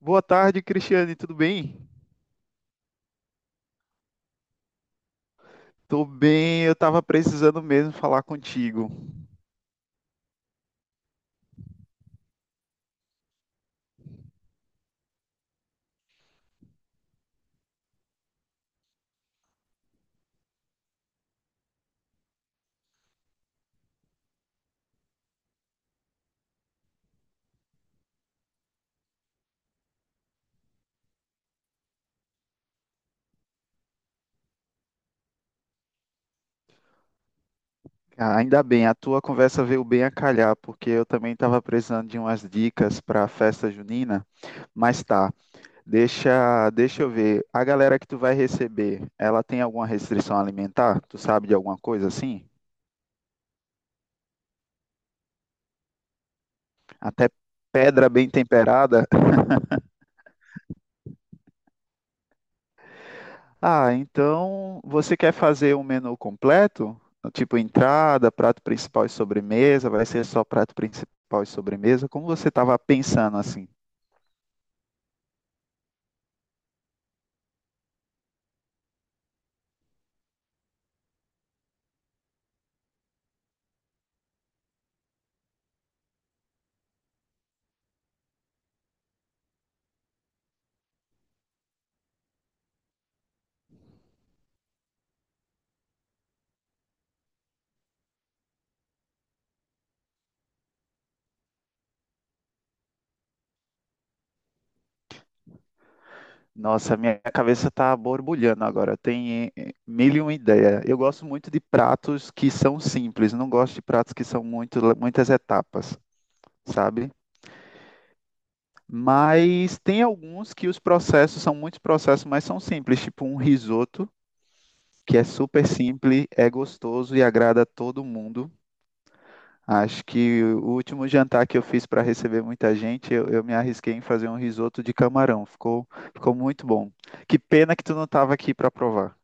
Boa tarde, Cristiane, tudo bem? Tô bem, eu tava precisando mesmo falar contigo. Ah, ainda bem, a tua conversa veio bem a calhar, porque eu também tava precisando de umas dicas para a festa junina, mas tá. Deixa eu ver. A galera que tu vai receber, ela tem alguma restrição alimentar? Tu sabe de alguma coisa assim? Até pedra bem temperada? Ah, então você quer fazer um menu completo? Tipo entrada, prato principal e sobremesa? Vai ser só prato principal e sobremesa? Como você estava pensando assim? Nossa, minha cabeça está borbulhando agora. Tem mil e uma ideia. Eu gosto muito de pratos que são simples. Não gosto de pratos que são muito, muitas etapas, sabe? Mas tem alguns que os processos são muitos processos, mas são simples. Tipo um risoto, que é super simples, é gostoso e agrada a todo mundo. Acho que o último jantar que eu fiz para receber muita gente, eu me arrisquei em fazer um risoto de camarão. Ficou muito bom. Que pena que tu não estava aqui para provar.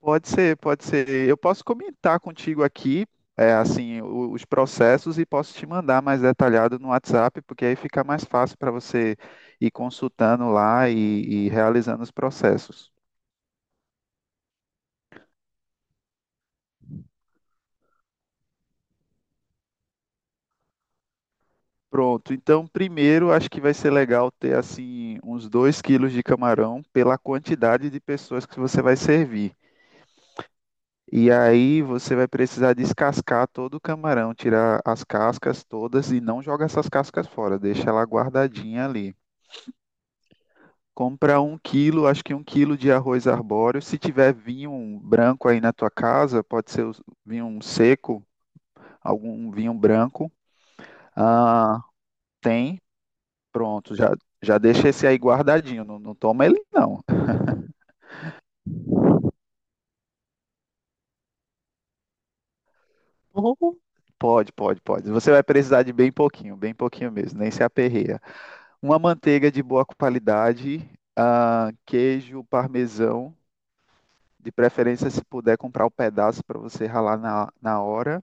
Pode ser, pode ser. Eu posso comentar contigo aqui, é, assim, os processos e posso te mandar mais detalhado no WhatsApp, porque aí fica mais fácil para você ir consultando lá e realizando os processos. Pronto, então primeiro acho que vai ser legal ter assim uns 2 quilos de camarão pela quantidade de pessoas que você vai servir. E aí você vai precisar descascar todo o camarão, tirar as cascas todas e não joga essas cascas fora, deixa ela guardadinha ali. Compra 1 quilo, acho que 1 quilo de arroz arbóreo. Se tiver vinho branco aí na tua casa, pode ser vinho seco, algum vinho branco. Ah, tem. Pronto, já, já deixa esse aí guardadinho. Não, não toma ele, não. Uhum. Pode, pode, pode. Você vai precisar de bem pouquinho mesmo, nem se aperreia. Uma manteiga de boa qualidade, ah, queijo parmesão, de preferência se puder comprar o pedaço para você ralar na hora.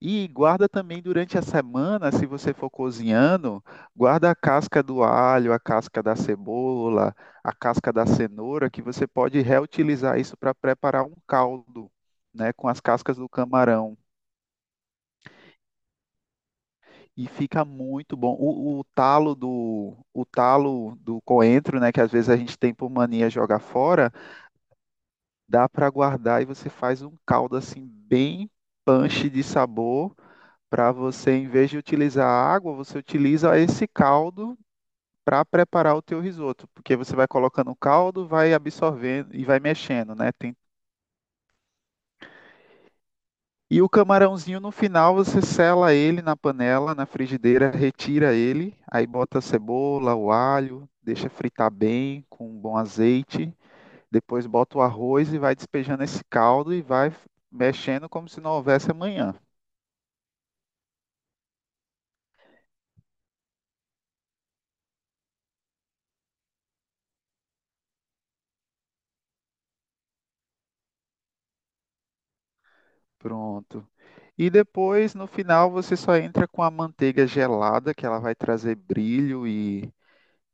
E guarda também durante a semana, se você for cozinhando, guarda a casca do alho, a casca da cebola, a casca da cenoura, que você pode reutilizar isso para preparar um caldo, né, com as cascas do camarão. E fica muito bom. O talo do coentro, né, que às vezes a gente tem por mania jogar fora, dá para guardar e você faz um caldo assim bem punch de sabor para você, em vez de utilizar a água, você utiliza esse caldo para preparar o teu risoto, porque você vai colocando o caldo, vai absorvendo e vai mexendo, né? E o camarãozinho no final você sela ele na panela, na frigideira, retira ele, aí bota a cebola, o alho, deixa fritar bem com um bom azeite, depois bota o arroz e vai despejando esse caldo e vai mexendo como se não houvesse amanhã. Pronto. E depois, no final, você só entra com a manteiga gelada, que ela vai trazer brilho e,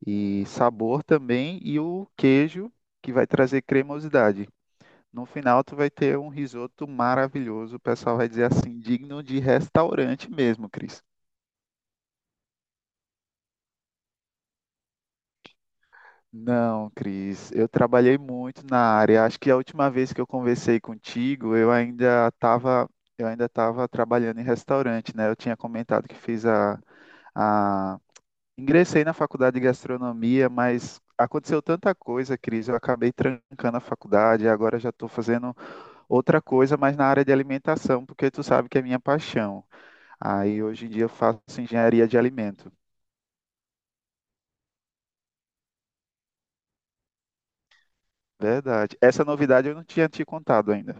e sabor também, e o queijo, que vai trazer cremosidade. No final, tu vai ter um risoto maravilhoso. O pessoal vai dizer assim, digno de restaurante mesmo, Cris. Não, Cris, eu trabalhei muito na área. Acho que a última vez que eu conversei contigo, eu ainda estava trabalhando em restaurante, né? Eu tinha comentado que fiz a ingressei na faculdade de gastronomia, mas aconteceu tanta coisa, Cris. Eu acabei trancando a faculdade e agora já estou fazendo outra coisa, mas na área de alimentação, porque tu sabe que é minha paixão. Aí hoje em dia eu faço engenharia de alimento. Verdade. Essa novidade eu não tinha te contado ainda.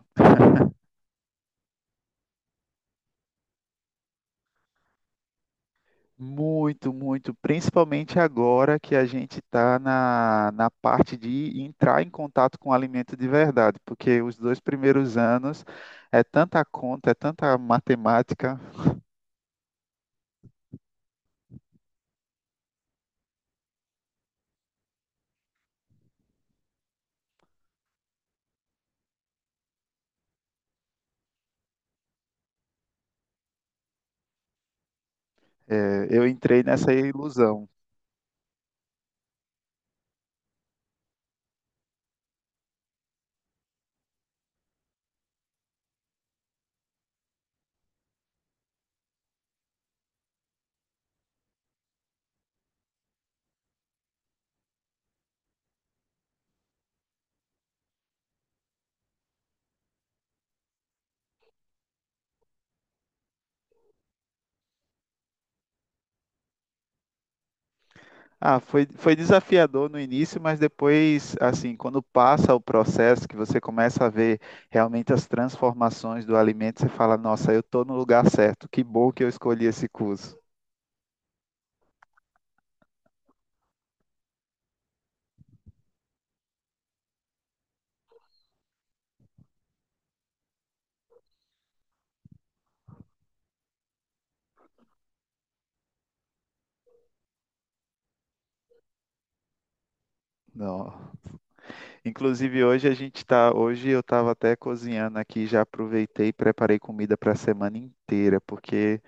Muito, muito, principalmente agora que a gente está na parte de entrar em contato com o alimento de verdade, porque os dois primeiros anos é tanta conta, é tanta matemática. É, eu entrei nessa ilusão. Ah, foi desafiador no início, mas depois, assim, quando passa o processo, que você começa a ver realmente as transformações do alimento, você fala, nossa, eu estou no lugar certo, que bom que eu escolhi esse curso. Não, inclusive hoje a gente tá, hoje eu estava até cozinhando aqui, já aproveitei e preparei comida para a semana inteira, porque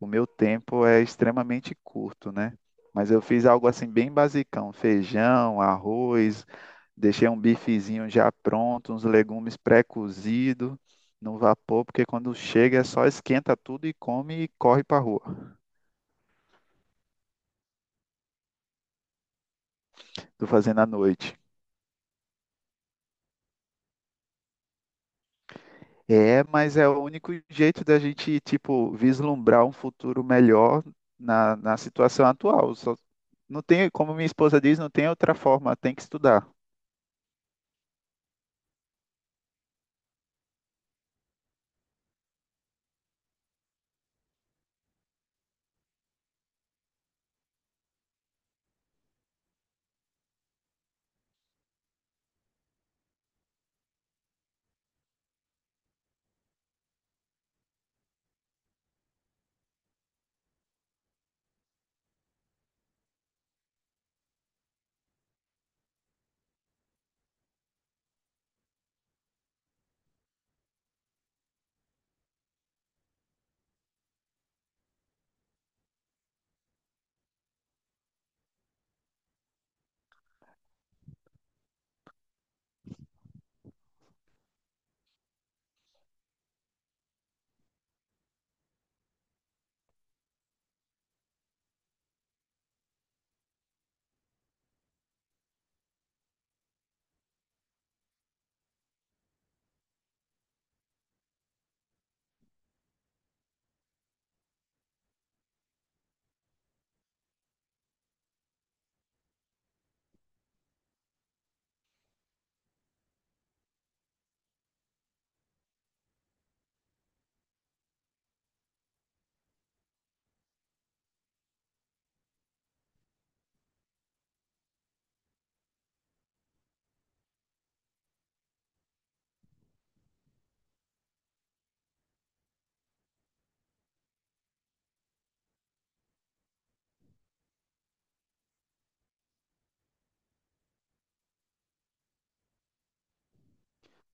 o meu tempo é extremamente curto, né? Mas eu fiz algo assim bem basicão, feijão, arroz, deixei um bifezinho já pronto, uns legumes pré-cozidos no vapor, porque quando chega é só esquenta tudo e come e corre para rua. Tô fazendo à noite. É, mas é o único jeito da gente, tipo, vislumbrar um futuro melhor na situação atual. Não tem, como minha esposa diz, não tem outra forma, tem que estudar.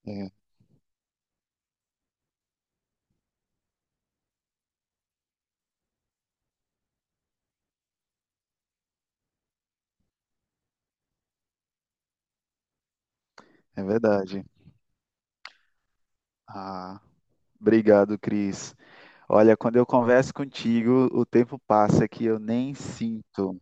É, é verdade. Ah, obrigado, Cris. Olha, quando eu converso contigo, o tempo passa que eu nem sinto.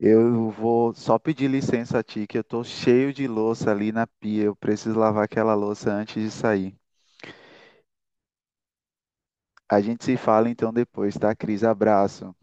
Eu vou só pedir licença a ti, que eu tô cheio de louça ali na pia. Eu preciso lavar aquela louça antes de sair. A gente se fala então depois, tá, Cris? Abraço.